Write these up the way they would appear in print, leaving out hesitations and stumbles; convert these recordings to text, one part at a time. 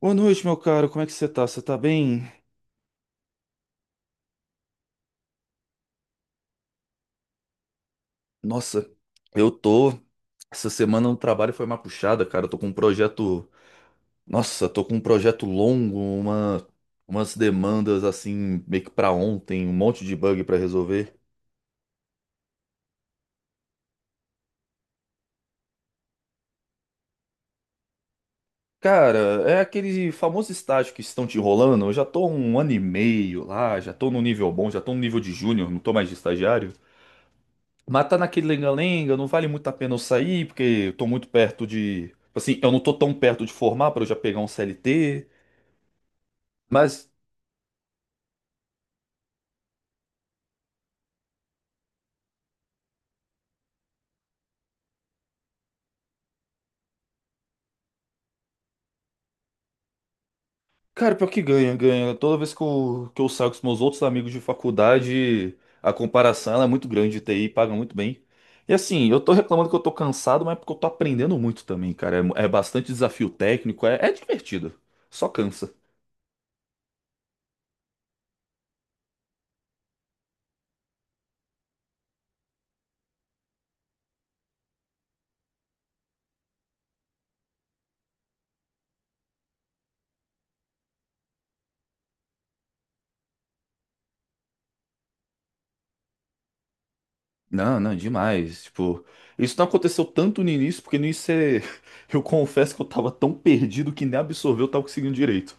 Boa noite, meu caro. Como é que você tá? Você tá bem? Nossa, eu tô. Essa semana no trabalho foi uma puxada, cara. Eu tô com um projeto. Nossa, tô com um projeto longo, umas demandas assim, meio que pra ontem, um monte de bug pra resolver. Cara, é aquele famoso estágio que estão te enrolando. Eu já tô há um ano e meio lá, já tô no nível bom, já tô no nível de júnior, não tô mais de estagiário. Mas tá naquele lenga-lenga, não vale muito a pena eu sair, porque eu tô muito perto de. Tipo assim, eu não tô tão perto de formar pra eu já pegar um CLT. Mas, cara, pior que ganha, ganha. Toda vez que que eu saio com os meus outros amigos de faculdade, a comparação ela é muito grande de TI, paga muito bem. E assim, eu tô reclamando que eu tô cansado, mas é porque eu tô aprendendo muito também, cara. É, é bastante desafio técnico, é, é divertido. Só cansa. Não, não, demais. Tipo, isso não aconteceu tanto no início, porque no início eu confesso que eu tava tão perdido que nem absorver eu tava conseguindo direito.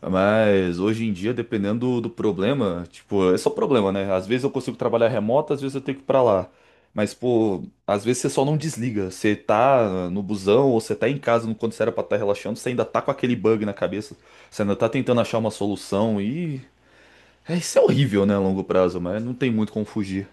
Mas hoje em dia, dependendo do problema, tipo, é só problema, né? Às vezes eu consigo trabalhar remoto, às vezes eu tenho que ir pra lá. Mas, pô, às vezes você só não desliga. Você tá no busão ou você tá em casa quando você era pra estar relaxando, você ainda tá com aquele bug na cabeça. Você ainda tá tentando achar uma solução e. É, isso é horrível, né, a longo prazo, mas não tem muito como fugir.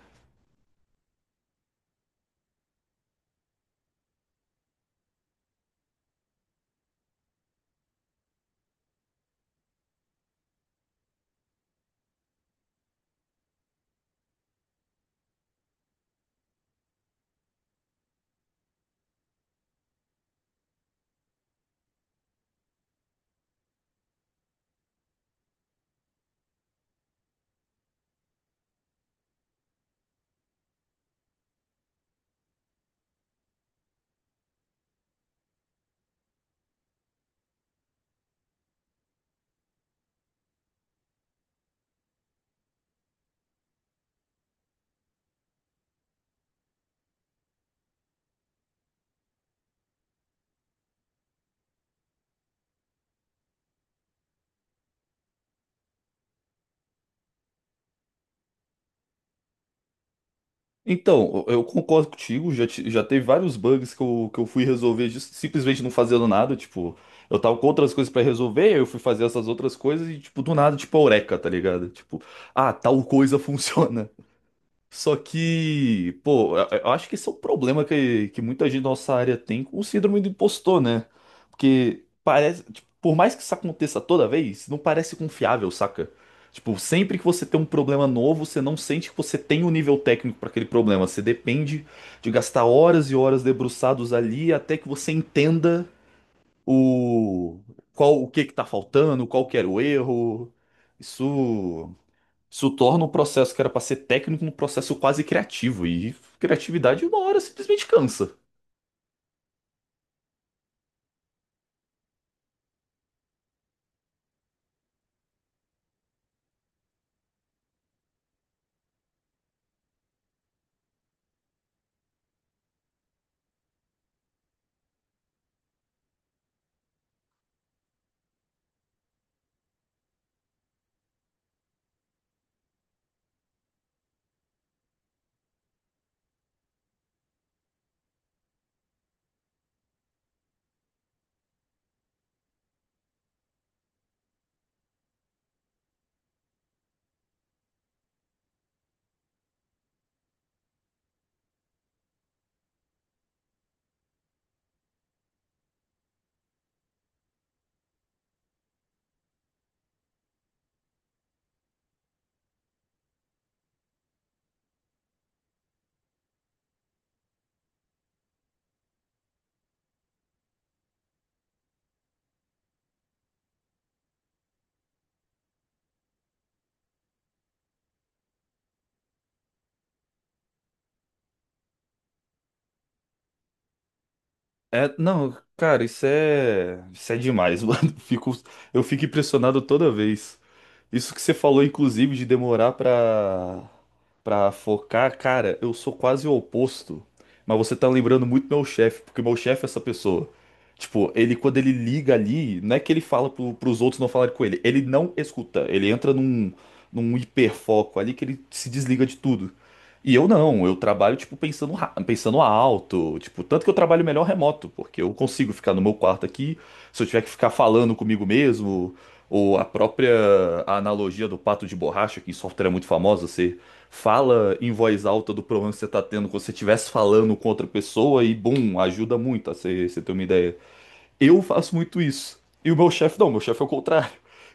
Então, eu concordo contigo, já, já teve vários bugs que eu, que eu fui resolver simplesmente não fazendo nada, tipo, eu tava com outras coisas pra resolver, eu fui fazer essas outras coisas e, tipo, do nada, tipo, eureka, tá ligado? Tipo, ah, tal coisa funciona. Só que, pô, eu acho que esse é um problema que muita gente da nossa área tem com o síndrome do impostor, né? Porque parece, tipo, por mais que isso aconteça toda vez, não parece confiável, saca? Tipo, sempre que você tem um problema novo, você não sente que você tem o nível técnico para aquele problema. Você depende de gastar horas e horas debruçados ali até que você entenda o qual o que tá faltando, qual que era o erro. Isso. Isso torna um processo que era pra ser técnico um processo quase criativo. E criatividade, uma hora, simplesmente cansa. É, não, cara, isso é. Isso é demais, mano. Fico, eu fico impressionado toda vez. Isso que você falou, inclusive, de demorar pra, pra focar, cara, eu sou quase o oposto. Mas você tá lembrando muito meu chefe, porque meu chefe é essa pessoa. Tipo, ele quando ele liga ali, não é que ele fala pros outros não falarem com ele, ele não escuta, ele entra num hiperfoco ali que ele se desliga de tudo. E eu não, eu trabalho, tipo, pensando alto, tipo, tanto que eu trabalho melhor remoto, porque eu consigo ficar no meu quarto aqui, se eu tiver que ficar falando comigo mesmo. Ou a própria analogia do pato de borracha, que em software é muito famosa, você fala em voz alta do problema que você está tendo, como se você estivesse falando com outra pessoa e, bum, ajuda muito a você, você ter uma ideia. Eu faço muito isso. E o meu chefe não, meu chefe é o contrário.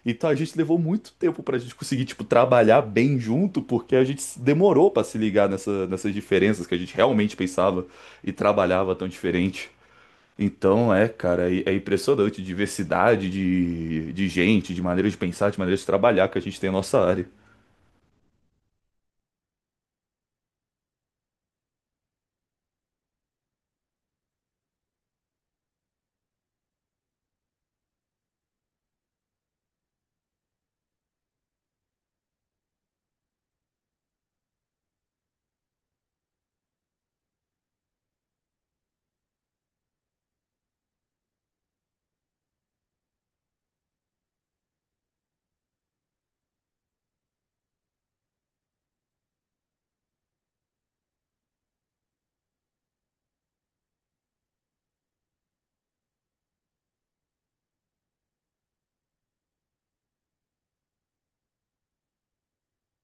Então a gente levou muito tempo pra gente conseguir, tipo, trabalhar bem junto, porque a gente demorou pra se ligar nessas diferenças que a gente realmente pensava e trabalhava tão diferente. Então, é, cara, é impressionante a diversidade de gente, de maneiras de pensar, de maneiras de trabalhar que a gente tem na nossa área.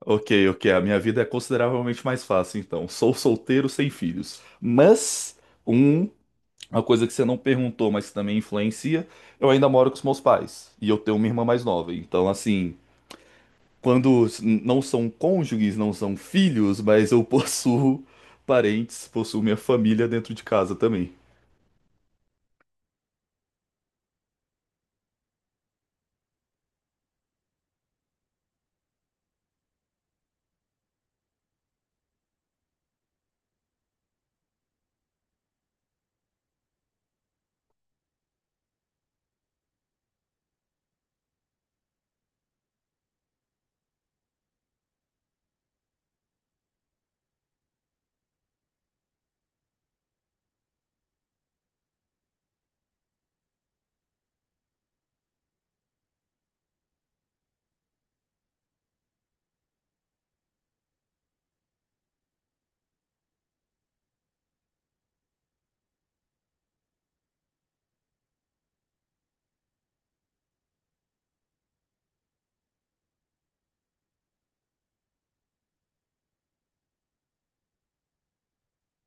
Ok, ok, a minha vida é consideravelmente mais fácil, então. Sou solteiro sem filhos. Mas, um, uma coisa que você não perguntou, mas que também influencia, eu ainda moro com os meus pais. E eu tenho uma irmã mais nova. Então, assim, não são cônjuges, não são filhos, mas eu possuo parentes, possuo minha família dentro de casa também.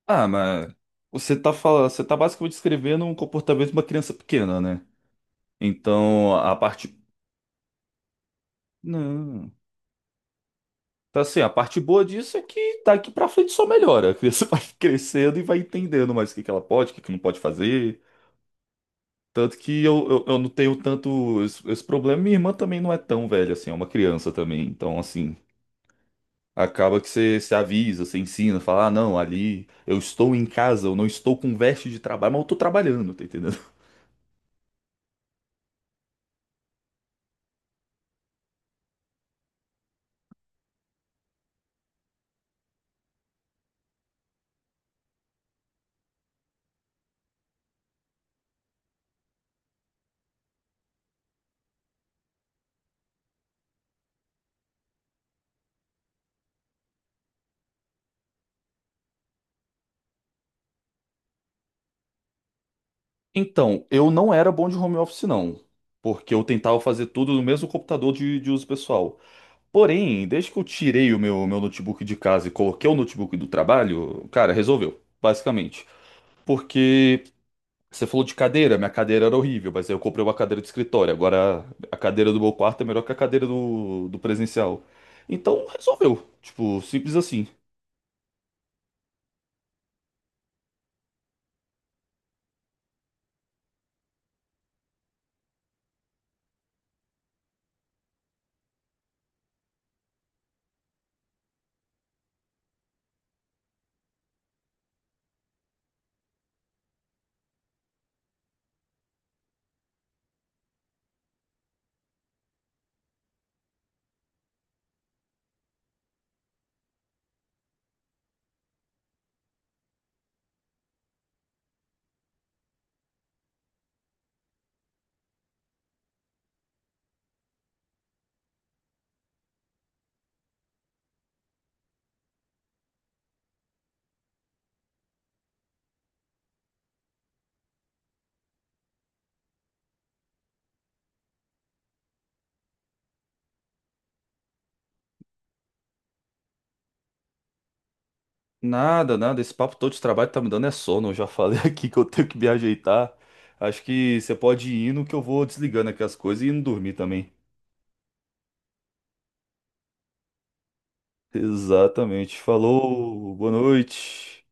Ah, mas você tá falando, você tá basicamente descrevendo um comportamento de uma criança pequena, né? Então, a parte não, tá assim, a parte boa disso é que daqui pra frente só melhora. A criança vai crescendo e vai entendendo mais o que que ela pode, o que que não pode fazer. Tanto que eu não tenho tanto esse problema. Minha irmã também não é tão velha assim, é uma criança também. Então, assim, acaba que você se avisa, você ensina, fala, ah, não, ali eu estou em casa, eu não estou com veste de trabalho, mas eu tô trabalhando, tá entendendo? Então, eu não era bom de home office, não, porque eu tentava fazer tudo no mesmo computador de uso pessoal. Porém, desde que eu tirei o meu notebook de casa e coloquei o notebook do trabalho, cara, resolveu, basicamente. Porque você falou de cadeira, minha cadeira era horrível, mas aí eu comprei uma cadeira de escritório. Agora, a cadeira do meu quarto é melhor que a cadeira do presencial. Então, resolveu. Tipo, simples assim. Nada, nada. Esse papo todo de trabalho tá me dando é sono. Eu já falei aqui que eu tenho que me ajeitar. Acho que você pode ir indo que eu vou desligando aqui as coisas e indo dormir também. Exatamente. Falou, boa noite.